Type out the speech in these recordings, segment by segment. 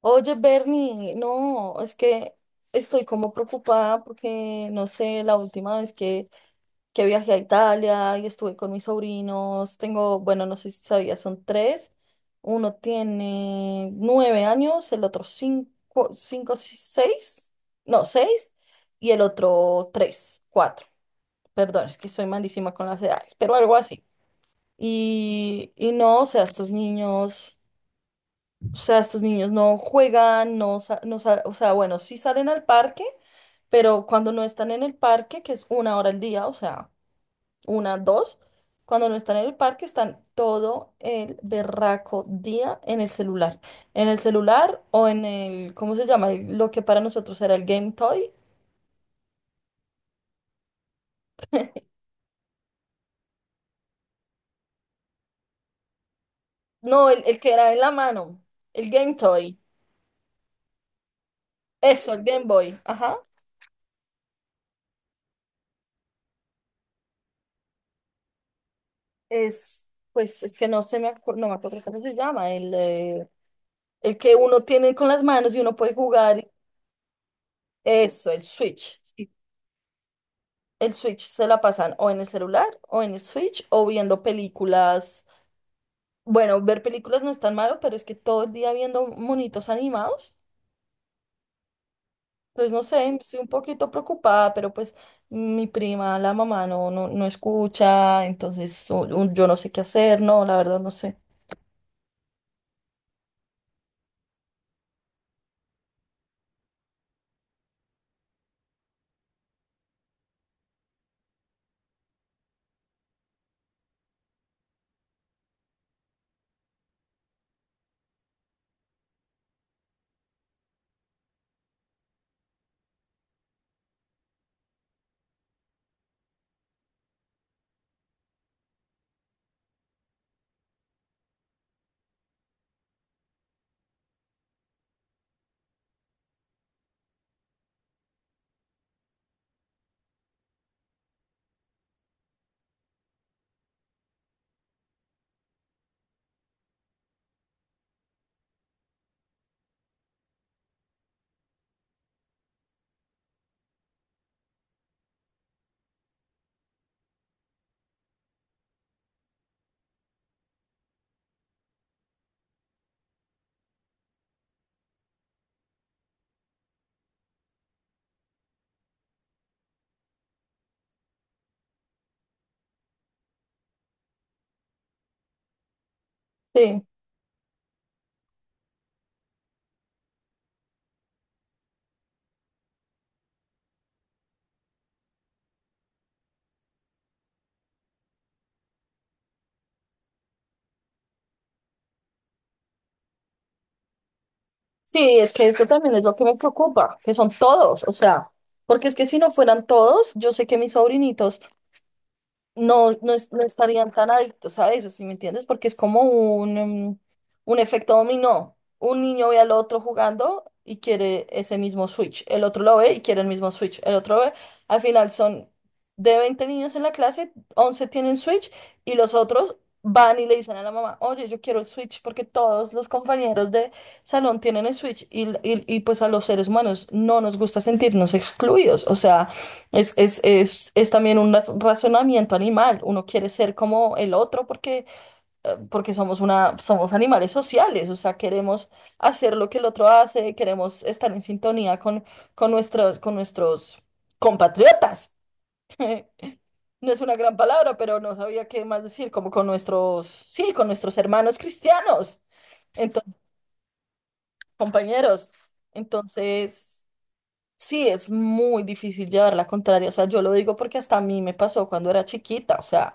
Oye, Bernie, no, es que estoy como preocupada porque, no sé, la última vez que viajé a Italia y estuve con mis sobrinos, tengo, bueno, no sé si sabías, son tres. Uno tiene 9 años, el otro cinco, cinco, seis, no, seis, y el otro tres, cuatro. Perdón, es que soy malísima con las edades, pero algo así. Y no, o sea, estos niños. O sea, estos niños no juegan, no, o sea, bueno, sí salen al parque, pero cuando no están en el parque, que es 1 hora al día, o sea, una, dos, cuando no están en el parque están todo el berraco día en el celular. En el celular o en el, ¿cómo se llama? Lo que para nosotros era el Game Toy. No, el que era en la mano, el Game Toy. Eso, el Game Boy. Ajá. Es, pues es que no se me acuerdo, no me acuerdo cómo se llama, el que uno tiene con las manos y uno puede jugar, eso, el Switch. Sí. El Switch se la pasan o en el celular o en el Switch o viendo películas. Bueno, ver películas no es tan malo, pero es que todo el día viendo monitos animados. Pues no sé, estoy un poquito preocupada, pero pues mi prima, la mamá, no, no, no escucha, entonces yo no sé qué hacer, no, la verdad no sé. Sí, sí, es que esto también es lo que me preocupa, que son todos, o sea, porque es que si no fueran todos, yo sé que mis sobrinitos no, no, no estarían tan adictos a eso, ¿sí me entiendes? Porque es como un, em, un efecto dominó. Un niño ve al otro jugando y quiere ese mismo Switch. El otro lo ve y quiere el mismo Switch. El otro ve, al final son de 20 niños en la clase, 11 tienen Switch, y los otros van y le dicen a la mamá, oye, yo quiero el Switch porque todos los compañeros de salón tienen el Switch, y pues a los seres humanos no nos gusta sentirnos excluidos. O sea... Es también un razonamiento animal. Uno quiere ser como el otro porque somos somos animales sociales, o sea, queremos hacer lo que el otro hace, queremos estar en sintonía con nuestros compatriotas. No es una gran palabra, pero no sabía qué más decir, como con nuestros, sí, con nuestros hermanos cristianos, entonces, compañeros. Entonces. Sí, es muy difícil llevar la contraria. O sea, yo lo digo porque hasta a mí me pasó cuando era chiquita. O sea,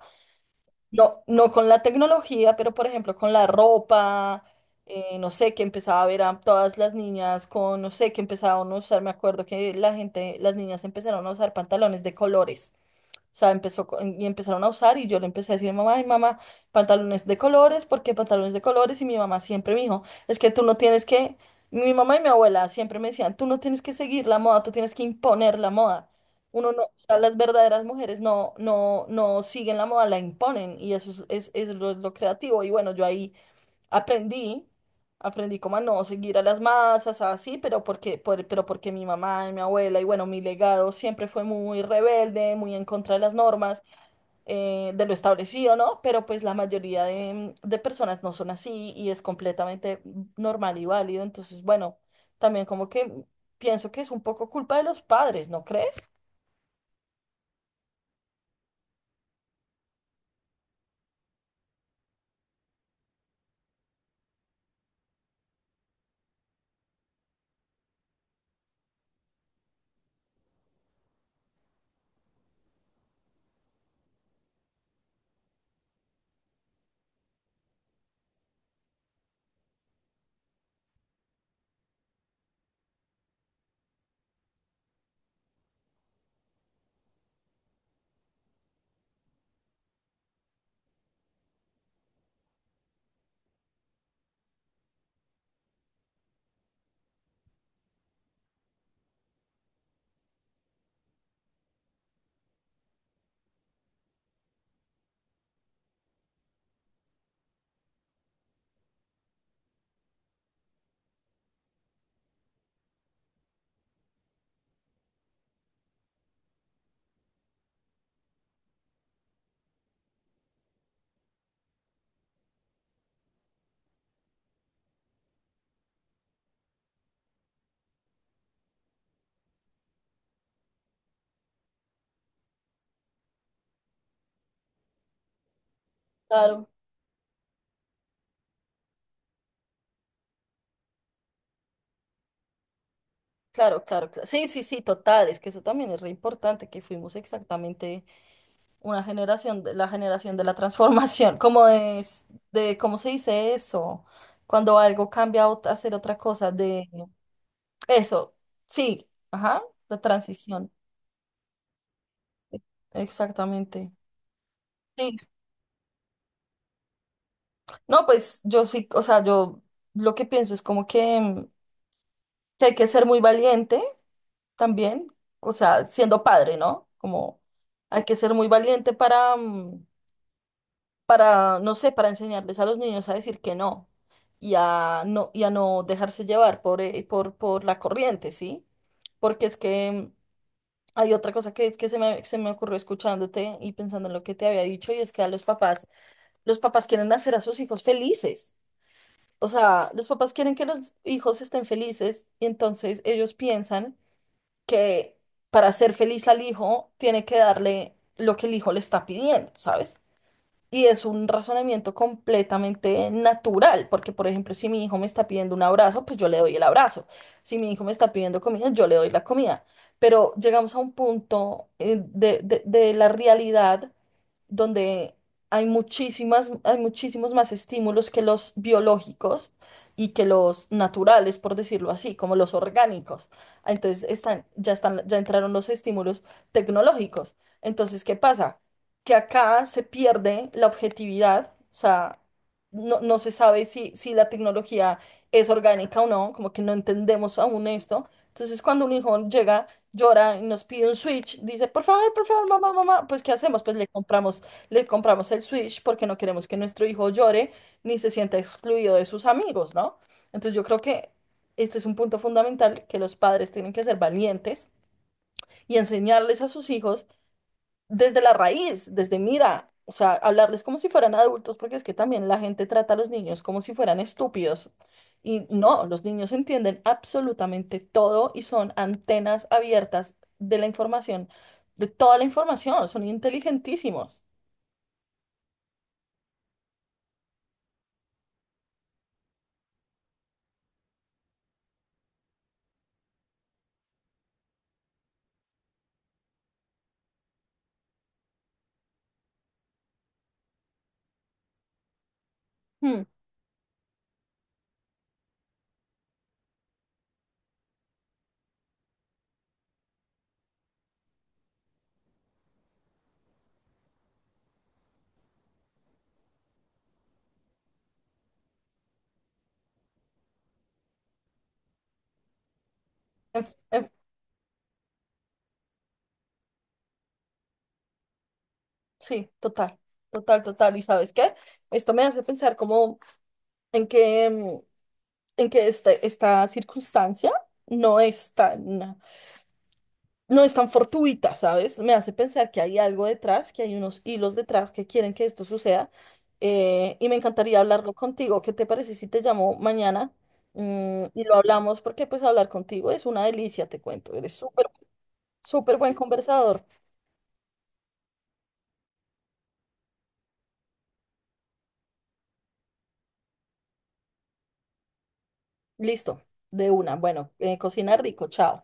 no, no con la tecnología, pero por ejemplo con la ropa, no sé, que empezaba a ver a todas las niñas con, no sé, que empezaban a usar, me acuerdo que la gente, las niñas empezaron a usar pantalones de colores. O sea, y empezaron a usar, y yo le empecé a decir a mi mamá, ay, mamá, pantalones de colores, ¿por qué pantalones de colores? Y mi mamá siempre me dijo, es que tú no tienes que, mi mamá y mi abuela siempre me decían, tú no tienes que seguir la moda, tú tienes que imponer la moda. Uno no, o sea, las verdaderas mujeres no, no, no siguen la moda, la imponen, y eso es lo creativo. Y bueno, yo ahí Aprendí, aprendí como a no seguir a las masas, así, pero porque, pero porque mi mamá y mi abuela y bueno, mi legado siempre fue muy rebelde, muy en contra de las normas, de lo establecido, ¿no? Pero pues la mayoría de personas no son así, y es completamente normal y válido. Entonces, bueno, también como que pienso que es un poco culpa de los padres, ¿no crees? Claro. Claro, claro, claro. Sí, sí, sí, total, es que eso también es re importante, que fuimos exactamente una generación, la generación de la transformación, como de, ¿cómo se dice eso? Cuando algo cambia a hacer otra cosa, de eso, sí, ajá, la transición, e- exactamente. Sí, no, pues yo sí, o sea, yo lo que pienso es como que, que hay que ser muy valiente también, o sea, siendo padre, ¿no? Como hay que ser muy valiente para, no sé, para enseñarles a los niños a decir que no y a no, dejarse llevar por la corriente, ¿sí? Porque es que hay otra cosa que se me ocurrió escuchándote y pensando en lo que te había dicho, y es que a los papás quieren hacer a sus hijos felices. O sea, los papás quieren que los hijos estén felices, y entonces ellos piensan que para ser feliz al hijo tiene que darle lo que el hijo le está pidiendo, ¿sabes? Y es un razonamiento completamente natural, porque por ejemplo, si mi hijo me está pidiendo un abrazo, pues yo le doy el abrazo. Si mi hijo me está pidiendo comida, yo le doy la comida. Pero llegamos a un punto de la realidad donde hay muchísimas, hay muchísimos más estímulos que los biológicos y que los naturales, por decirlo así, como los orgánicos. Entonces ya están, ya entraron los estímulos tecnológicos. Entonces, ¿qué pasa? Que acá se pierde la objetividad, o sea, no se sabe si la tecnología es orgánica o no, como que no entendemos aún esto. Entonces, cuando un hijo llega, llora y nos pide un Switch, dice, por favor, mamá, mamá, pues ¿qué hacemos? Pues le compramos el Switch porque no queremos que nuestro hijo llore ni se sienta excluido de sus amigos, ¿no? Entonces, yo creo que este es un punto fundamental, que los padres tienen que ser valientes y enseñarles a sus hijos desde la raíz, desde mira, o sea, hablarles como si fueran adultos, porque es que también la gente trata a los niños como si fueran estúpidos. Y no, los niños entienden absolutamente todo y son antenas abiertas de la información, de toda la información, son inteligentísimos. Hmm. en- en- sí, total, total, total. ¿Y sabes qué? Esto me hace pensar como en que, en que esta circunstancia no es tan no es tan fortuita, ¿sabes? Me hace pensar que hay algo detrás, que hay unos hilos detrás que quieren que esto suceda. Y me encantaría hablarlo contigo. ¿Qué te parece si te llamo mañana? Y lo hablamos, porque pues hablar contigo es una delicia, te cuento. Eres súper, súper buen conversador. Listo, de una. Bueno, cocina rico, chao.